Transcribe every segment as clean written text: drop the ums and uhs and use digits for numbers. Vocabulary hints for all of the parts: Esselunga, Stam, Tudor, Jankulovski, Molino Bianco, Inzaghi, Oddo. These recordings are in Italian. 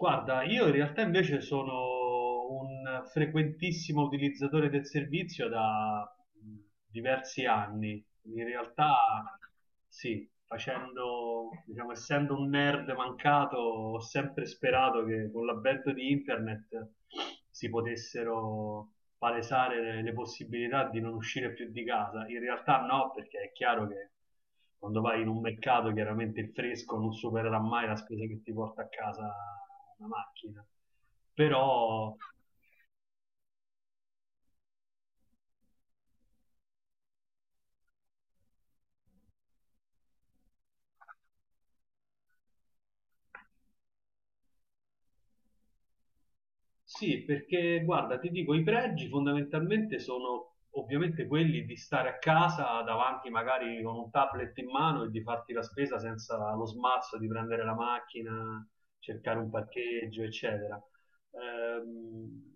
Guarda, io in realtà invece sono un frequentissimo utilizzatore del servizio da mh, diversi anni. In realtà, sì, facendo, diciamo, essendo un nerd mancato, ho sempre sperato che con l'avvento di internet si potessero palesare le possibilità di non uscire più di casa. In realtà no, perché è chiaro che quando vai in un mercato chiaramente il fresco non supererà mai la spesa che ti porta a casa una macchina, però sì, perché guarda, ti dico, i pregi fondamentalmente sono ovviamente quelli di stare a casa davanti magari con un tablet in mano e di farti la spesa senza lo smarzo di prendere la macchina, cercare un parcheggio, eccetera. Ehm,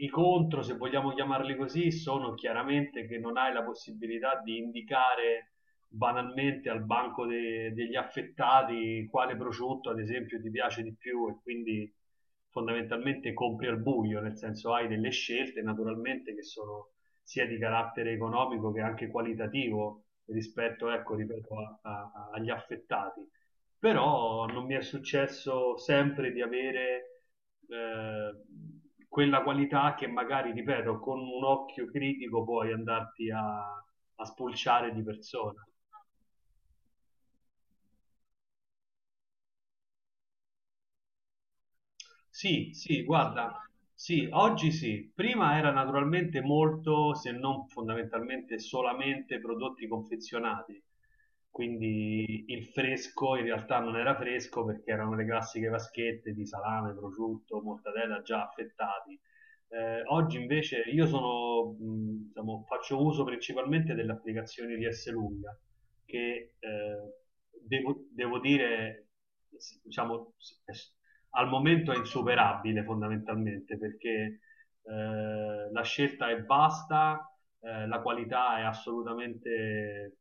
I contro, se vogliamo chiamarli così, sono chiaramente che non hai la possibilità di indicare banalmente al banco degli affettati quale prosciutto ad esempio ti piace di più e quindi fondamentalmente compri al buio, nel senso hai delle scelte naturalmente che sono sia di carattere economico che anche qualitativo rispetto, ecco, ripeto, agli affettati. Però non mi è successo sempre di avere eh, quella qualità che magari, ripeto, con un occhio critico puoi andarti a spulciare di persona. Sì, sì, guarda, sì, oggi sì. Prima era naturalmente molto, se non fondamentalmente solamente prodotti confezionati. Quindi il fresco in realtà non era fresco perché erano le classiche vaschette di salame, prosciutto, mortadella già affettati. Oggi invece io sono, diciamo, faccio uso principalmente delle applicazioni di Lunga che devo dire, diciamo, al momento è insuperabile fondamentalmente perché la scelta è vasta, la qualità è assolutamente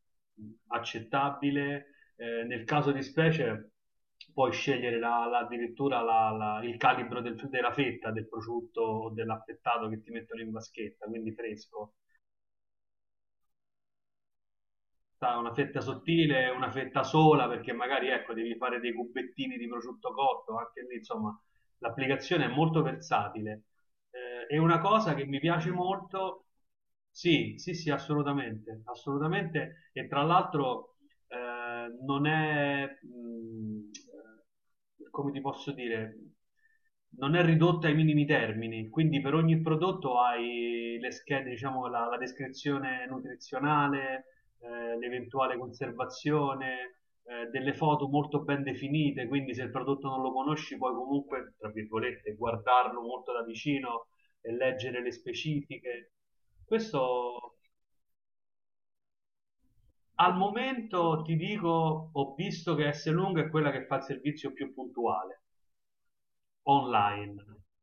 accettabile. Nel caso di specie puoi scegliere addirittura il calibro della fetta del prosciutto o dell'affettato che ti mettono in vaschetta, quindi fresco. Sa, una fetta sottile, una fetta sola, perché magari ecco, devi fare dei cubettini di prosciutto cotto, anche lì, insomma, l'applicazione è molto versatile. È una cosa che mi piace molto, sì, sì, sì, assolutamente, assolutamente, e tra l'altro eh, non è, come ti posso dire, non è ridotta ai minimi termini, quindi per ogni prodotto hai le schede, diciamo, la descrizione nutrizionale, l'eventuale conservazione, delle foto molto ben definite, quindi se il prodotto non lo conosci puoi comunque, tra virgolette, guardarlo molto da vicino e leggere le specifiche. Questo al momento ti dico, ho visto che S Lunga è quella che fa il servizio più puntuale online.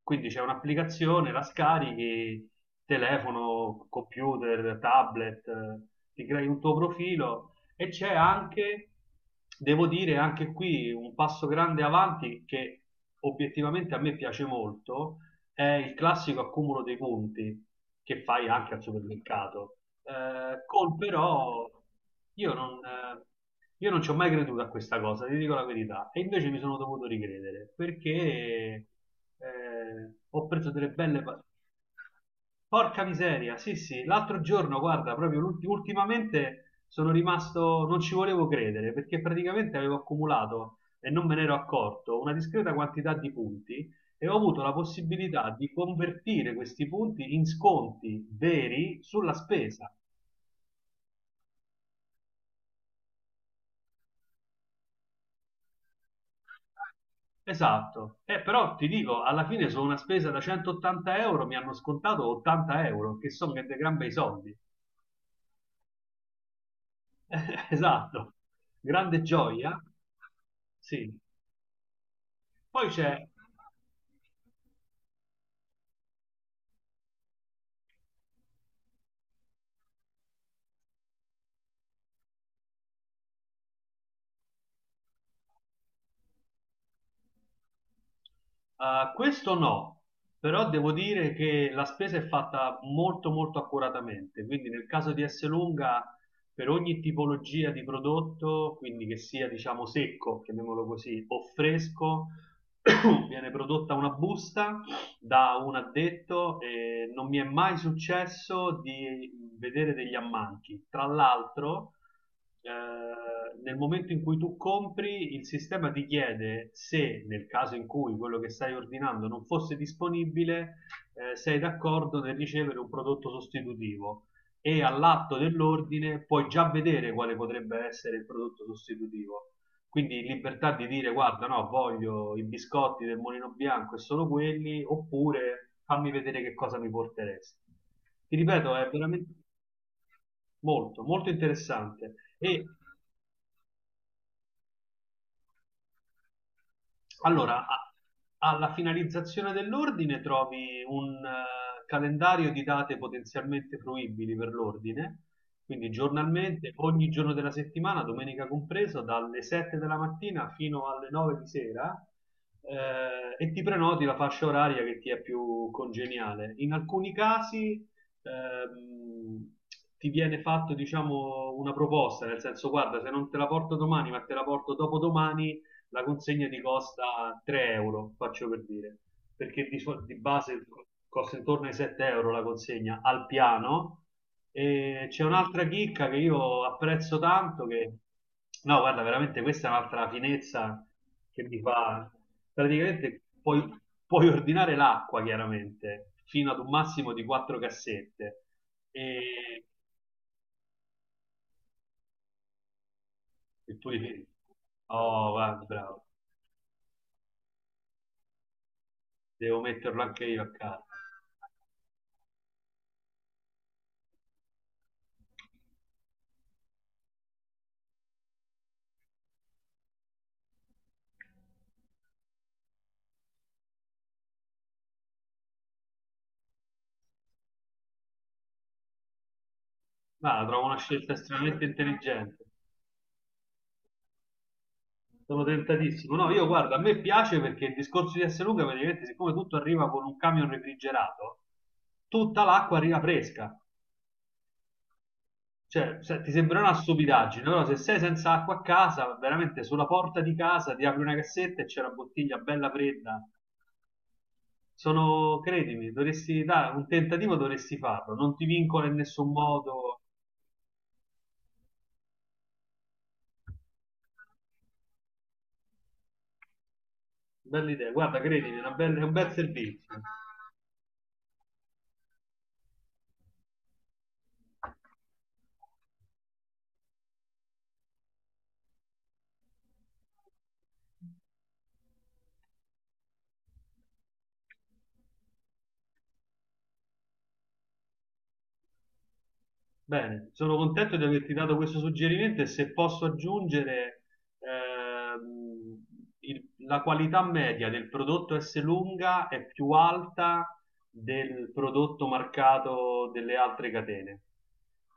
Quindi c'è un'applicazione, la scarichi, telefono, computer, tablet, ti crei un tuo profilo e c'è anche, devo dire, anche qui un passo grande avanti che obiettivamente a me piace molto, è il classico accumulo dei conti che fai anche al supermercato. Cole però io non, eh, io non ci ho mai creduto a questa cosa, ti dico la verità, e invece mi sono dovuto ricredere perché ho preso delle belle Porca miseria, sì, sì, l'altro giorno, guarda, proprio ultimamente sono rimasto, non ci volevo credere perché praticamente avevo accumulato e non me ne ero accorto una discreta quantità di punti e ho avuto la possibilità di convertire questi punti in sconti veri sulla spesa. Esatto, però ti dico, alla fine su una spesa da 180 euro mi hanno scontato 80 euro, che sono che dei gran bei soldi. Esatto, grande gioia. Sì, poi c'è. Ah, questo no, però devo dire che la spesa è fatta molto molto accuratamente, quindi nel caso di Esselunga per ogni tipologia di prodotto, quindi che sia diciamo secco, chiamiamolo così, o fresco, viene prodotta una busta da un addetto e non mi è mai successo di vedere degli ammanchi. Tra l'altro, nel momento in cui tu compri, il sistema ti chiede se nel caso in cui quello che stai ordinando non fosse disponibile, sei d'accordo nel ricevere un prodotto sostitutivo e all'atto dell'ordine puoi già vedere quale potrebbe essere il prodotto sostitutivo. Quindi libertà di dire guarda, no, voglio i biscotti del Molino Bianco e solo quelli, oppure fammi vedere che cosa mi porteresti. Ti ripeto, è veramente molto, molto interessante. E allora, alla finalizzazione dell'ordine trovi un calendario di date potenzialmente fruibili per l'ordine, quindi giornalmente, ogni giorno della settimana, domenica compreso, dalle 7 della mattina fino alle 9 di sera, e ti prenoti la fascia oraria che ti è più congeniale. In alcuni casi ehm, ti viene fatto, diciamo, una proposta, nel senso, guarda, se non te la porto domani, ma te la porto dopodomani la consegna ti costa 3 euro, faccio per dire, perché di, di base costa intorno ai 7 euro la consegna al piano. E c'è un'altra chicca che io apprezzo tanto, che no, guarda, veramente questa è un'altra finezza che mi fa. Praticamente puoi ordinare l'acqua, chiaramente, fino ad un massimo di 4 cassette. E il purificatore. Oh, guarda, bravo, devo metterlo anche io a casa. Ah, la trovo una scelta estremamente intelligente. Sono tentatissimo. No, io guarda, a me piace perché il discorso di Esselunga praticamente, siccome tutto arriva con un camion refrigerato, tutta l'acqua arriva fresca. Cioè, ti sembrerà una stupidaggine, però se sei senza acqua a casa, veramente sulla porta di casa ti apri una cassetta e c'è la bottiglia bella fredda. Sono, credimi, dovresti dare un tentativo, dovresti farlo. Non ti vincola in nessun modo. Bella idea, guarda, credimi, è un bel servizio. Bene, sono contento di averti dato questo suggerimento e se posso aggiungere ehm, la qualità media del prodotto S lunga è più alta del prodotto marcato delle altre catene.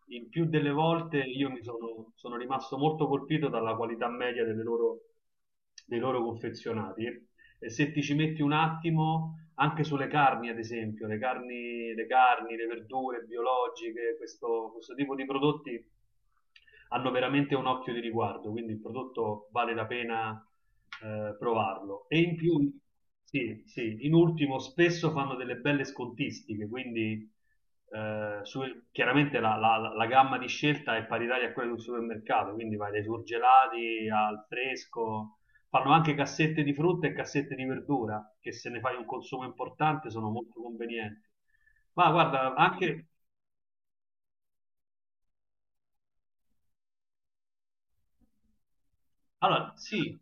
Il più delle volte io sono rimasto molto colpito dalla qualità media delle loro, dei loro confezionati. E se ti ci metti un attimo, anche sulle carni, ad esempio, le carni, le verdure biologiche, questo tipo di prodotti hanno veramente un occhio di riguardo, quindi il prodotto vale la pena provarlo. E in più, sì, sì, in ultimo, spesso fanno delle belle scontistiche, quindi eh, su- chiaramente la gamma di scelta è paritaria a quella di un supermercato, quindi vai dai surgelati al fresco, fanno anche cassette di frutta e cassette di verdura, che se ne fai un consumo importante sono molto convenienti. Ma guarda, anche, allora, sì,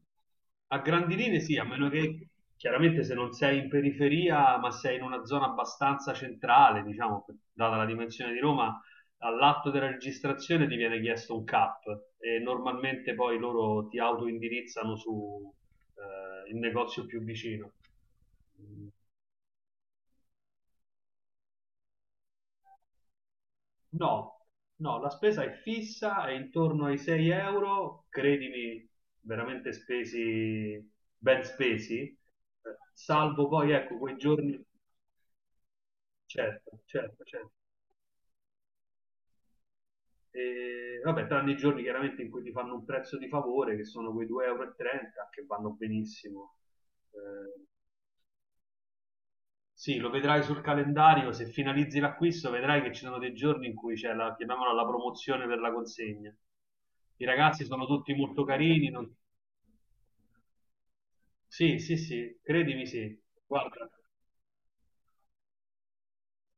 a grandi linee sì, a meno che chiaramente se non sei in periferia, ma sei in una zona abbastanza centrale, diciamo, data la dimensione di Roma, all'atto della registrazione ti viene chiesto un CAP e normalmente poi loro ti autoindirizzano su il negozio più vicino. No, no, la spesa è fissa, è intorno ai 6 euro, credimi, veramente spesi, ben spesi, salvo poi, ecco, quei giorni, certo, certo, certo, e, vabbè, tranne i giorni chiaramente in cui ti fanno un prezzo di favore, che sono quei 2,30 euro, e trenta, che vanno benissimo. Eh, Sì, lo vedrai sul calendario, se finalizzi l'acquisto vedrai che ci sono dei giorni in cui c'è la, chiamiamola la promozione per la consegna. I ragazzi sono tutti molto carini. Sì, sì, sì, credimi sì. Guarda.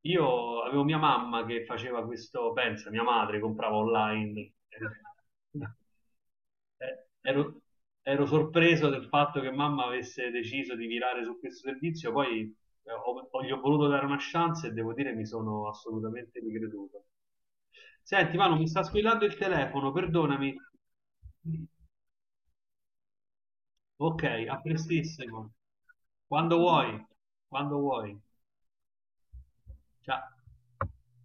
Io avevo mia mamma che faceva questo, pensa, mia madre comprava online. Eh, Ero, Ero sorpreso del fatto che mamma avesse deciso di virare su questo servizio, poi gli ho voluto dare una chance e devo dire mi sono assolutamente ricreduto. Senti, Manu, mi sta squillando il telefono, perdonami. Ok, a prestissimo. Quando vuoi, quando vuoi. Ciao.